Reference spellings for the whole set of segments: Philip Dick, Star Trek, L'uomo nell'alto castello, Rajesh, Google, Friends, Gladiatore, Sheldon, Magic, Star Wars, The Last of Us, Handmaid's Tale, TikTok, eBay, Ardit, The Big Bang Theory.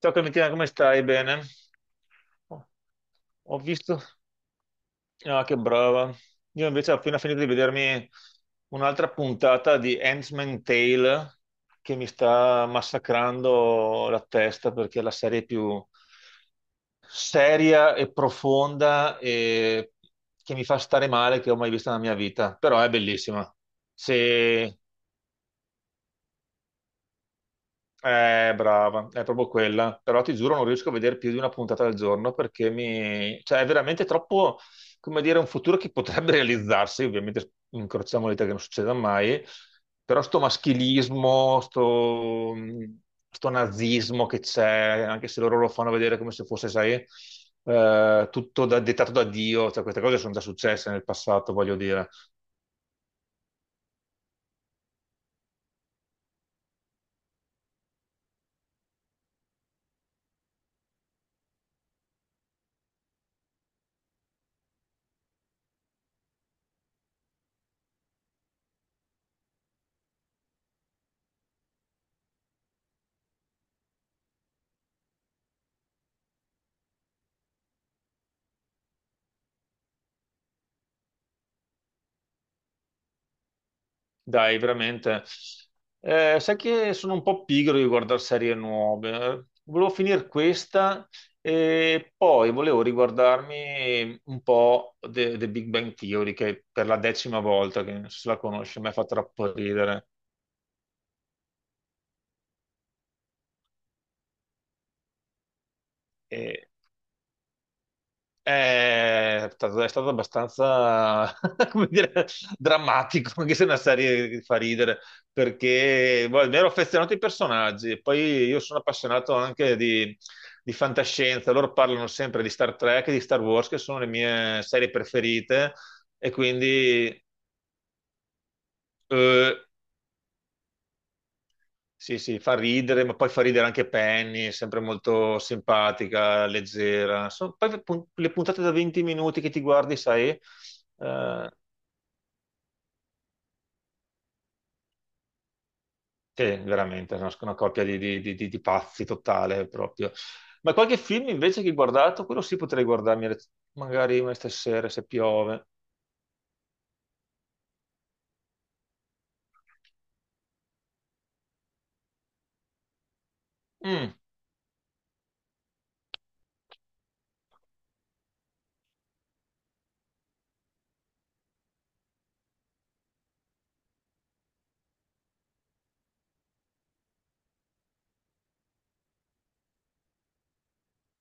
Ciao Clementina, come stai? Bene? Oh, ho visto... Ah, che brava. Io invece ho appena finito di vedermi un'altra puntata di Handmaid's Tale che mi sta massacrando la testa perché è la serie più seria e profonda e che mi fa stare male che ho mai visto nella mia vita. Però è bellissima. Se brava, è proprio quella. Però ti giuro, non riesco a vedere più di una puntata al giorno perché mi... cioè, è veramente troppo, come dire, un futuro che potrebbe realizzarsi. Ovviamente incrociamo le dita che non succeda mai. Però sto maschilismo, sto nazismo che c'è, anche se loro lo fanno vedere come se fosse, sai, tutto dettato da Dio. Cioè, queste cose sono già successe nel passato, voglio dire. Dai, veramente. Sai che sono un po' pigro di guardare serie nuove. Volevo finire questa e poi volevo riguardarmi un po' The Big Bang Theory, che per la decima volta, che non so se la conosci, mi ha fatto troppo ridere. È stato abbastanza, come dire, drammatico, anche se è una serie che fa ridere, perché boh, mi ero affezionato ai personaggi, poi io sono appassionato anche di fantascienza, loro parlano sempre di Star Trek e di Star Wars, che sono le mie serie preferite, e quindi eh, sì, sì, fa ridere, ma poi fa ridere anche Penny, sempre molto simpatica, leggera. Le puntate da 20 minuti che ti guardi, sai... Eh, che veramente, è una coppia di pazzi totale proprio. Ma qualche film invece che ho guardato, quello sì potrei guardarmi magari una stasera se piove. Mm.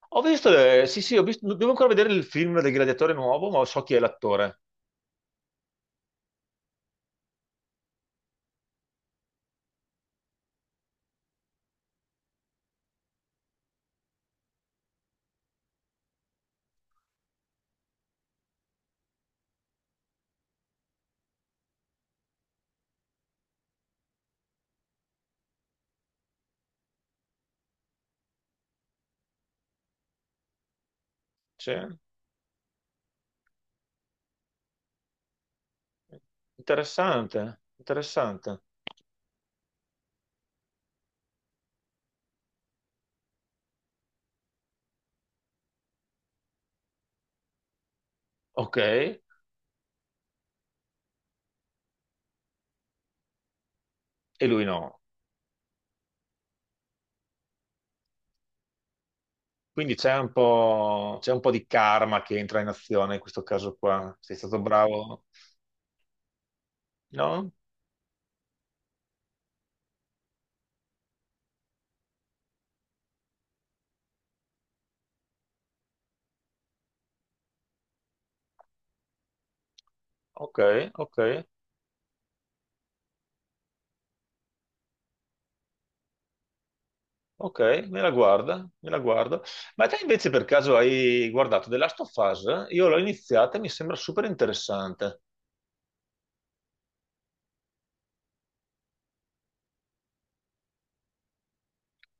Ho visto, sì sì, ho visto, devo ancora vedere il film del Gladiatore nuovo, ma so chi è l'attore. Sì. Interessante, interessante. Ok, e lui no. Quindi c'è un po' di karma che entra in azione in questo caso qua. Sei stato bravo? No? Ok, ok. Ok, me la guardo. Ma te invece per caso hai guardato The Last of Us? Io l'ho iniziata e mi sembra super interessante.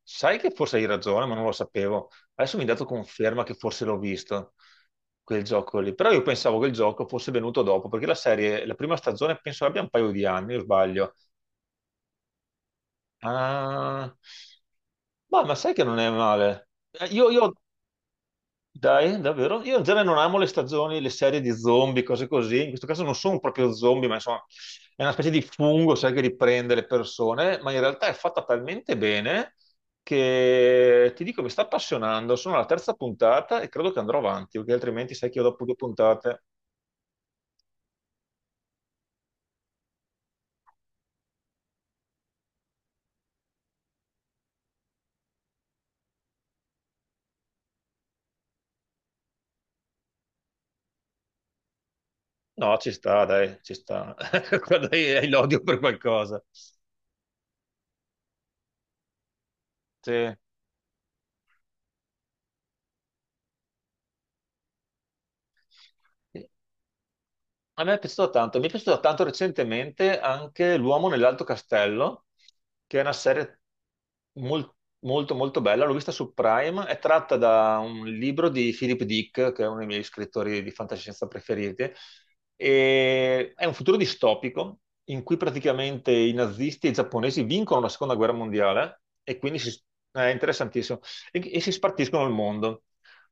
Sai che forse hai ragione, ma non lo sapevo. Adesso mi hai dato conferma che forse l'ho visto, quel gioco lì. Però io pensavo che il gioco fosse venuto dopo, perché la serie, la prima stagione penso abbia un paio di anni, o sbaglio. Ah, ma sai che non è male? Io dai, davvero? Io in genere non amo le stagioni, le serie di zombie, cose così. In questo caso non sono proprio zombie, ma insomma è una specie di fungo, sai, che riprende le persone, ma in realtà è fatta talmente bene che ti dico, mi sta appassionando. Sono alla terza puntata e credo che andrò avanti, perché altrimenti sai che io dopo due puntate... No, ci sta, dai, ci sta. Quando hai l'odio per qualcosa. Sì. A me è piaciuto tanto, mi è piaciuto tanto recentemente anche L'uomo nell'alto castello, che è una serie mol- molto molto bella, l'ho vista su Prime, è tratta da un libro di Philip Dick, che è uno dei miei scrittori di fantascienza preferiti, e è un futuro distopico in cui praticamente i nazisti e i giapponesi vincono la seconda guerra mondiale e quindi è interessantissimo, e si spartiscono il mondo.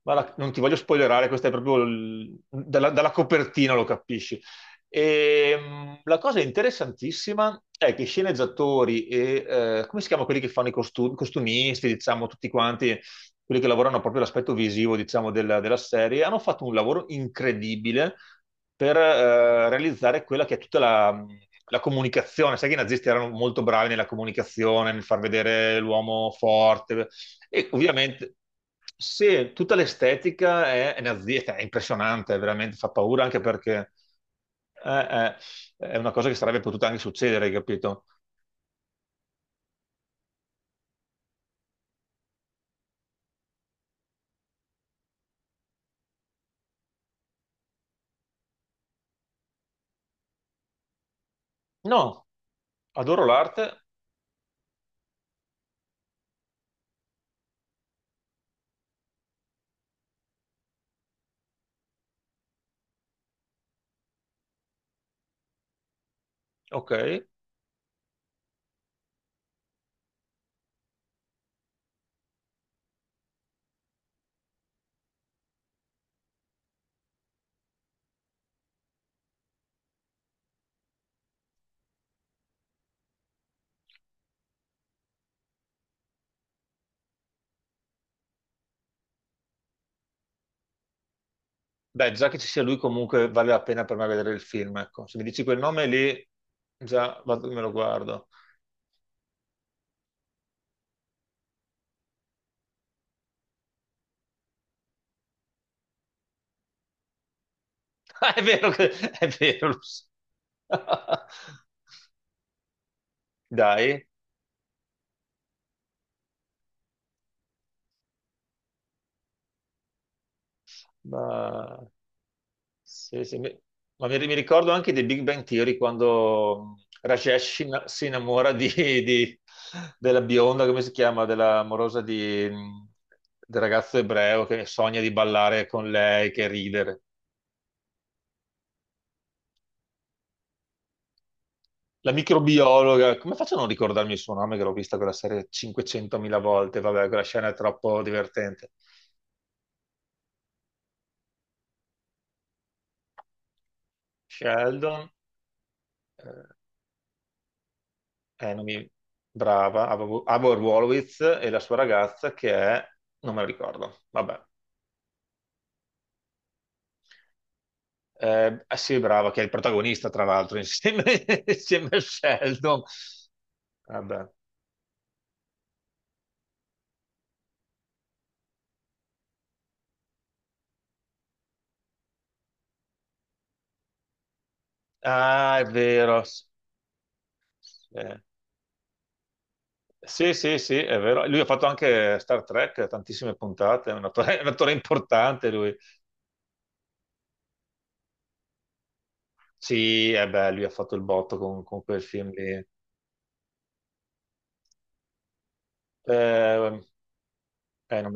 Ma non ti voglio spoilerare, questa è proprio dalla, dalla copertina lo capisci. E, la cosa interessantissima è che i sceneggiatori e come si chiamano quelli che fanno i costumisti, diciamo, tutti quanti, quelli che lavorano proprio l'aspetto visivo, diciamo, della serie, hanno fatto un lavoro incredibile per realizzare quella che è tutta la comunicazione. Sai che i nazisti erano molto bravi nella comunicazione, nel far vedere l'uomo forte, e ovviamente, se tutta l'estetica è nazista, è impressionante, veramente fa paura anche perché è, è- è una cosa che sarebbe potuta anche succedere, hai capito? No, adoro l'arte, ok. Dai, già che ci sia lui, comunque vale la pena per me vedere il film. Ecco. Se mi dici quel nome lì, me lo guardo. Ah, è vero che è vero, lo so. Dai, ma sì, ma mi ricordo anche di Big Bang Theory quando Rajesh si innamora di- della bionda, come si chiama, della morosa di, del ragazzo ebreo che sogna di ballare con lei, che ridere. La microbiologa, come faccio a non ricordarmi il suo nome che l'ho vista quella serie 500.000 volte? Vabbè, quella scena è troppo divertente. Sheldon, eh, non mi- brava, Ava Horowitz e la sua ragazza che è... Non me lo ricordo. Vabbè. Ah sì, brava, che è il protagonista, tra l'altro, insieme, insieme a Sheldon. Vabbè. Ah, è vero. Eh, Sì, sì, sì, è vero. Lui ha fatto anche Star Trek, tantissime puntate, è un attore, è un attore importante lui. Sì, eh beh, lui ha fatto il botto con quel film lì. Eh, eh, non-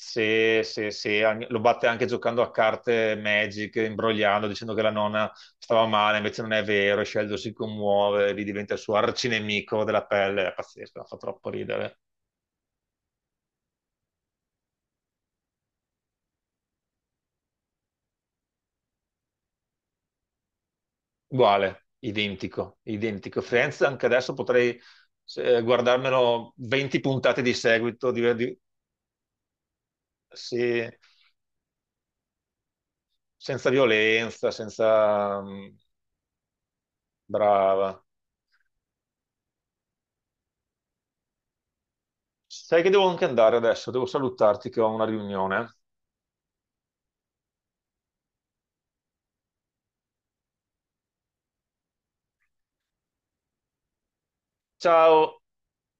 Sì, sì, sì, lo batte anche giocando a carte Magic, imbrogliando, dicendo che la nonna stava male, invece non è vero, e Sheldon si commuove, lì diventa il suo arcinemico della pelle, è pazzesco, fa troppo ridere. Uguale, identico, identico. Friends, anche adesso potrei guardarmelo 20 puntate di seguito, sì, senza violenza, senza... mm, brava. Sai che devo anche andare adesso, devo salutarti che ho una riunione. Ciao!